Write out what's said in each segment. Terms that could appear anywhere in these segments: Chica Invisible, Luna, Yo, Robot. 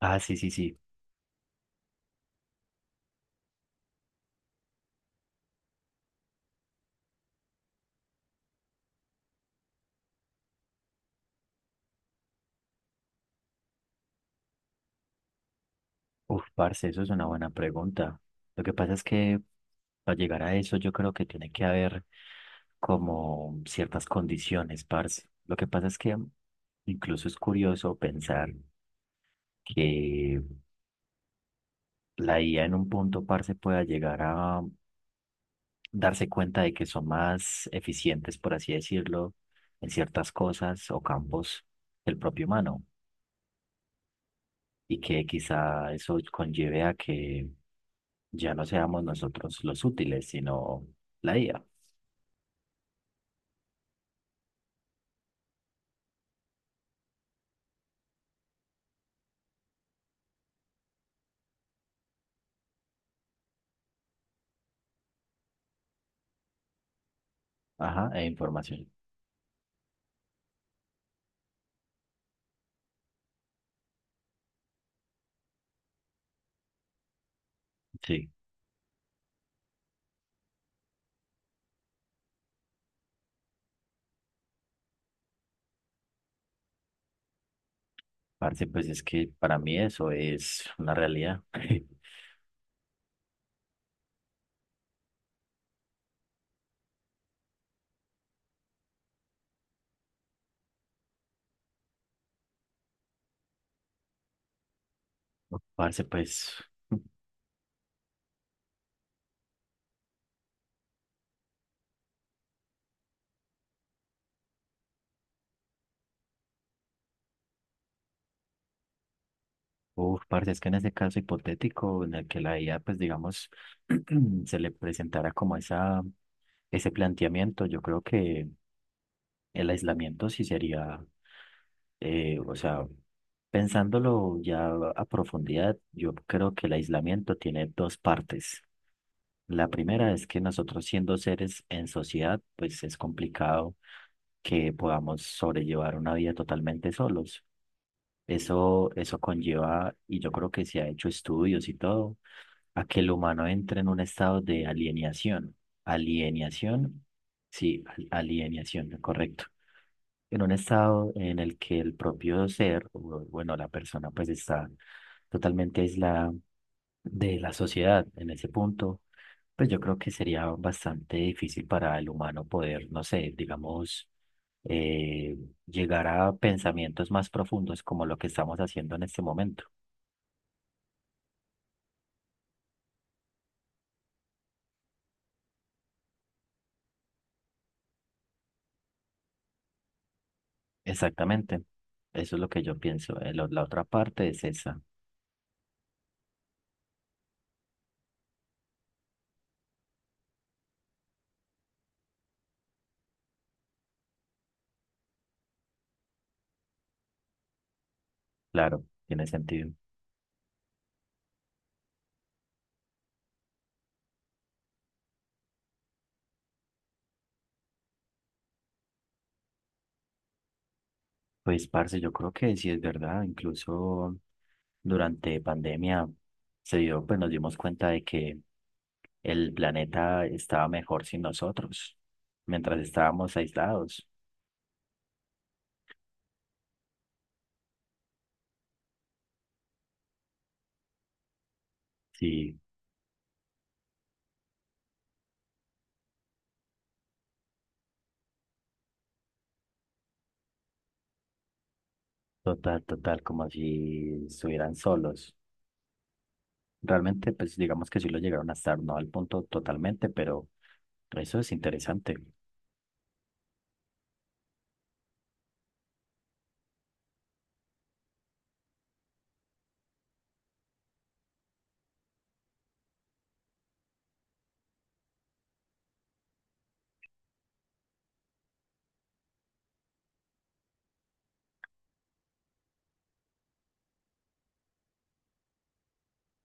Ah, sí, sí, sí. Parce, eso es una buena pregunta. Lo que pasa es que para llegar a eso yo creo que tiene que haber como ciertas condiciones, parce. Lo que pasa es que incluso es curioso pensar que la IA en un punto, parce, pueda llegar a darse cuenta de que son más eficientes, por así decirlo, en ciertas cosas o campos del propio humano, y que quizá eso conlleve a que ya no seamos nosotros los útiles, sino la IA. Ajá, e información. Sí, parce, pues es que para mí eso es una realidad. Parce, pues, parce, es que en ese caso hipotético en el que la IA, pues digamos, se le presentara como ese planteamiento, yo creo que el aislamiento sí sería, o sea, pensándolo ya a profundidad, yo creo que el aislamiento tiene dos partes. La primera es que nosotros, siendo seres en sociedad, pues es complicado que podamos sobrellevar una vida totalmente solos. Eso conlleva, y yo creo que se ha hecho estudios y todo, a que el humano entre en un estado de alienación. Alienación, sí, alienación, correcto. En un estado en el que el propio bueno, la persona pues está totalmente aislada de la sociedad en ese punto, pues yo creo que sería bastante difícil para el humano poder, no sé, digamos, eh, llegar a pensamientos más profundos como lo que estamos haciendo en este momento. Exactamente, eso es lo que yo pienso. La otra parte es esa, claro, tiene sentido. Pues, parce, yo creo que sí es verdad, incluso durante pandemia se dio, pues nos dimos cuenta de que el planeta estaba mejor sin nosotros, mientras estábamos aislados. Sí, total, total, como si estuvieran solos. Realmente, pues digamos que sí lo llegaron a estar, no al punto totalmente, pero eso es interesante.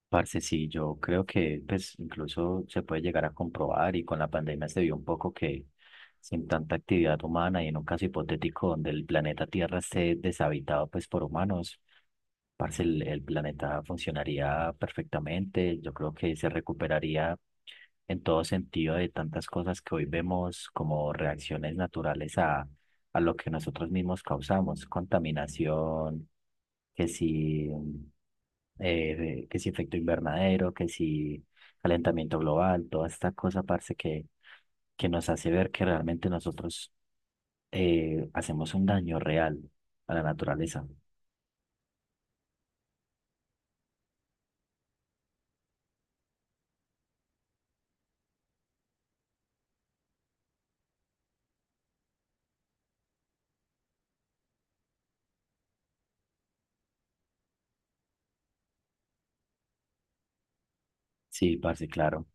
Parce, sí, yo creo que pues incluso se puede llegar a comprobar, y con la pandemia se vio un poco que sin tanta actividad humana y en un caso hipotético donde el planeta Tierra esté deshabitado pues por humanos, parce, el planeta funcionaría perfectamente. Yo creo que se recuperaría en todo sentido de tantas cosas que hoy vemos como reacciones naturales a lo que nosotros mismos causamos: contaminación, que si, que si efecto invernadero, que si calentamiento global, toda esta cosa, parce, que nos hace ver que realmente nosotros, hacemos un daño real a la naturaleza. Sí, parce, claro.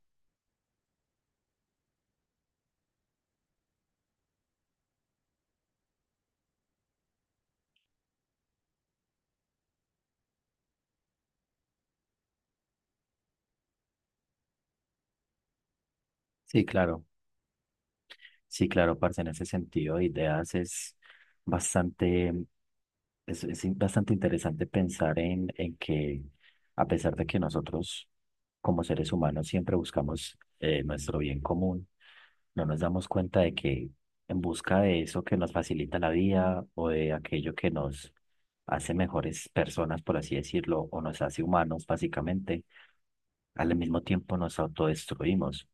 Sí, claro. Sí, claro, parce, en ese sentido, de ideas es bastante, es, bastante interesante pensar en que a pesar de que nosotros como seres humanos siempre buscamos, nuestro bien común, no nos damos cuenta de que en busca de eso que nos facilita la vida o de aquello que nos hace mejores personas, por así decirlo, o nos hace humanos, básicamente, al mismo tiempo nos autodestruimos.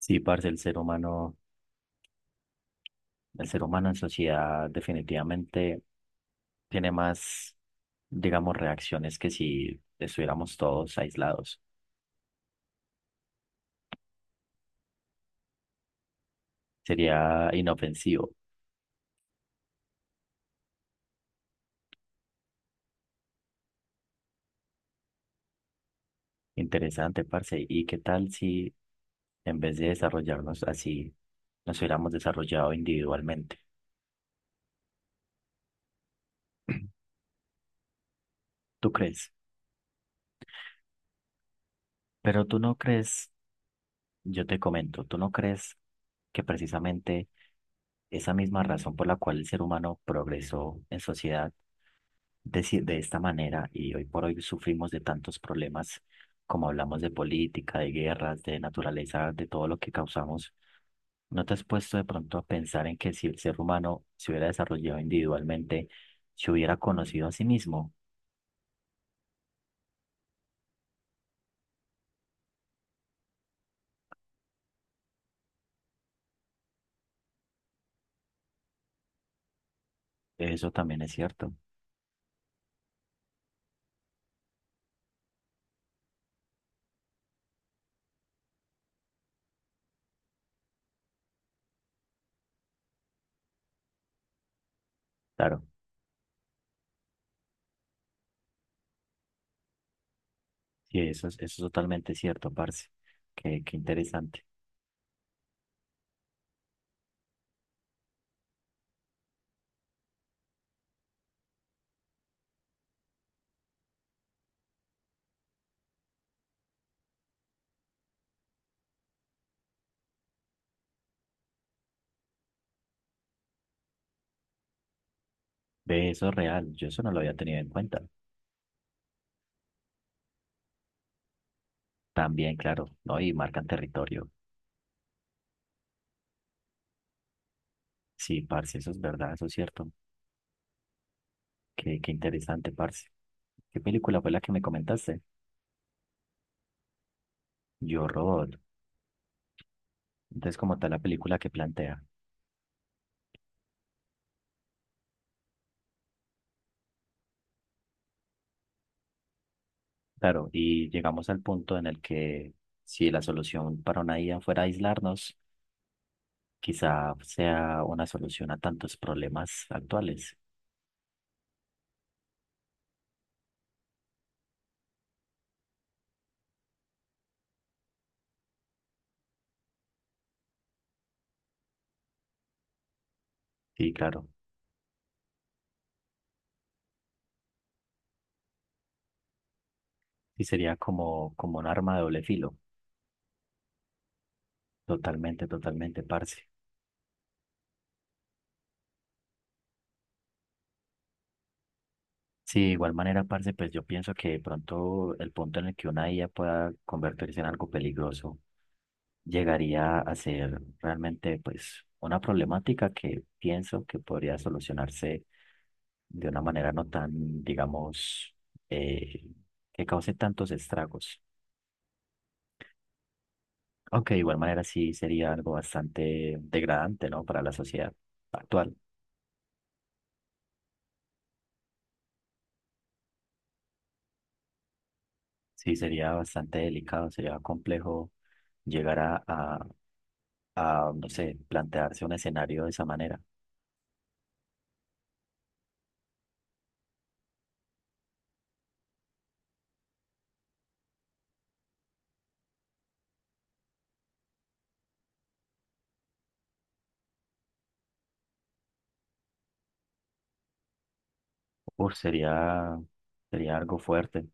Sí, parce, el ser humano. El ser humano en sociedad definitivamente tiene más, digamos, reacciones que si estuviéramos todos aislados. Sería inofensivo, interesante, parce. ¿Y qué tal si en vez de desarrollarnos así, nos hubiéramos desarrollado individualmente? ¿Tú crees? Pero tú no crees Yo te comento, ¿tú no crees que precisamente esa misma razón por la cual el ser humano progresó en sociedad de esta manera y hoy por hoy sufrimos de tantos problemas, como hablamos de política, de guerras, de naturaleza, de todo lo que causamos? ¿No te has puesto de pronto a pensar en que si el ser humano se hubiera desarrollado individualmente, se hubiera conocido a sí mismo? Eso también es cierto, claro, sí, eso es totalmente cierto, parce. Qué, qué interesante. Ve, eso es real, yo eso no lo había tenido en cuenta. También, claro, ¿no? Y marcan territorio. Sí, parce, eso es verdad, eso es cierto. Qué, qué interesante, parce. ¿Qué película fue la que me comentaste? Yo, Robot. Entonces, como tal, la película que plantea. Claro, y llegamos al punto en el que si la solución para una IA fuera aislarnos, quizá sea una solución a tantos problemas actuales. Sí, claro. Y sería como, como un arma de doble filo. Totalmente, totalmente, parce. Sí, de igual manera, parce, pues yo pienso que de pronto el punto en el que una IA pueda convertirse en algo peligroso llegaría a ser realmente pues una problemática que pienso que podría solucionarse de una manera no tan, digamos, eh, que cause tantos estragos. Aunque de igual manera sí sería algo bastante degradante, ¿no? Para la sociedad actual. Sí, sería bastante delicado, sería complejo llegar a, no sé, plantearse un escenario de esa manera. Uf, sería algo fuerte.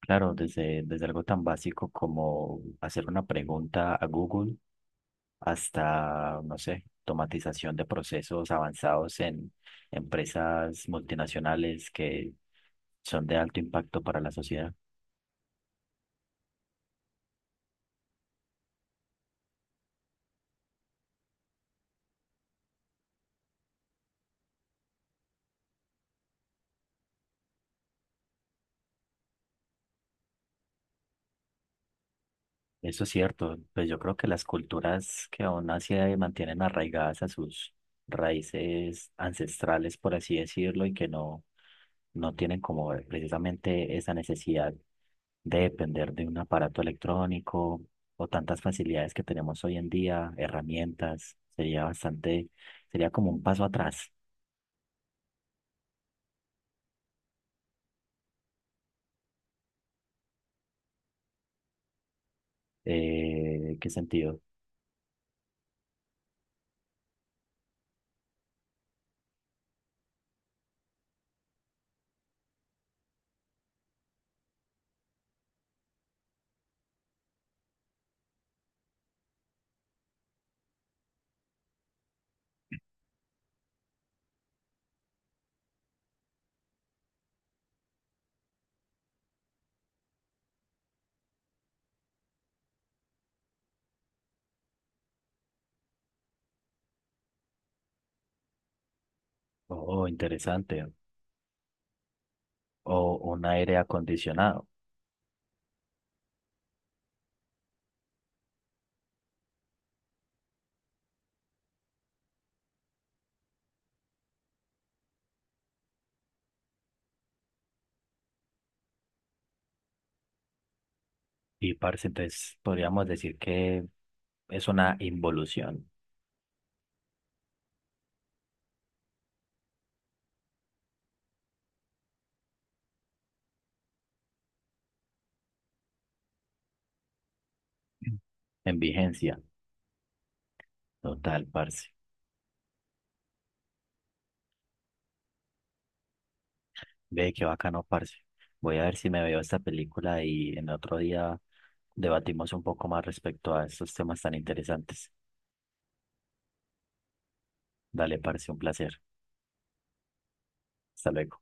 Claro, desde algo tan básico como hacer una pregunta a Google hasta, no sé, automatización de procesos avanzados en empresas multinacionales que son de alto impacto para la sociedad. Eso es cierto, pues yo creo que las culturas que aún así, mantienen arraigadas a sus raíces ancestrales, por así decirlo, y que no, no tienen como, precisamente esa necesidad de depender de un aparato electrónico o tantas facilidades que tenemos hoy en día, herramientas, sería como un paso atrás. ¿Qué sentido? Oh, interesante. O un aire acondicionado. Y parce, entonces podríamos decir que es una involución en vigencia. Total, parce. Ve qué bacano, parce. Voy a ver si me veo esta película y en otro día debatimos un poco más respecto a estos temas tan interesantes. Dale, parce, un placer. Hasta luego.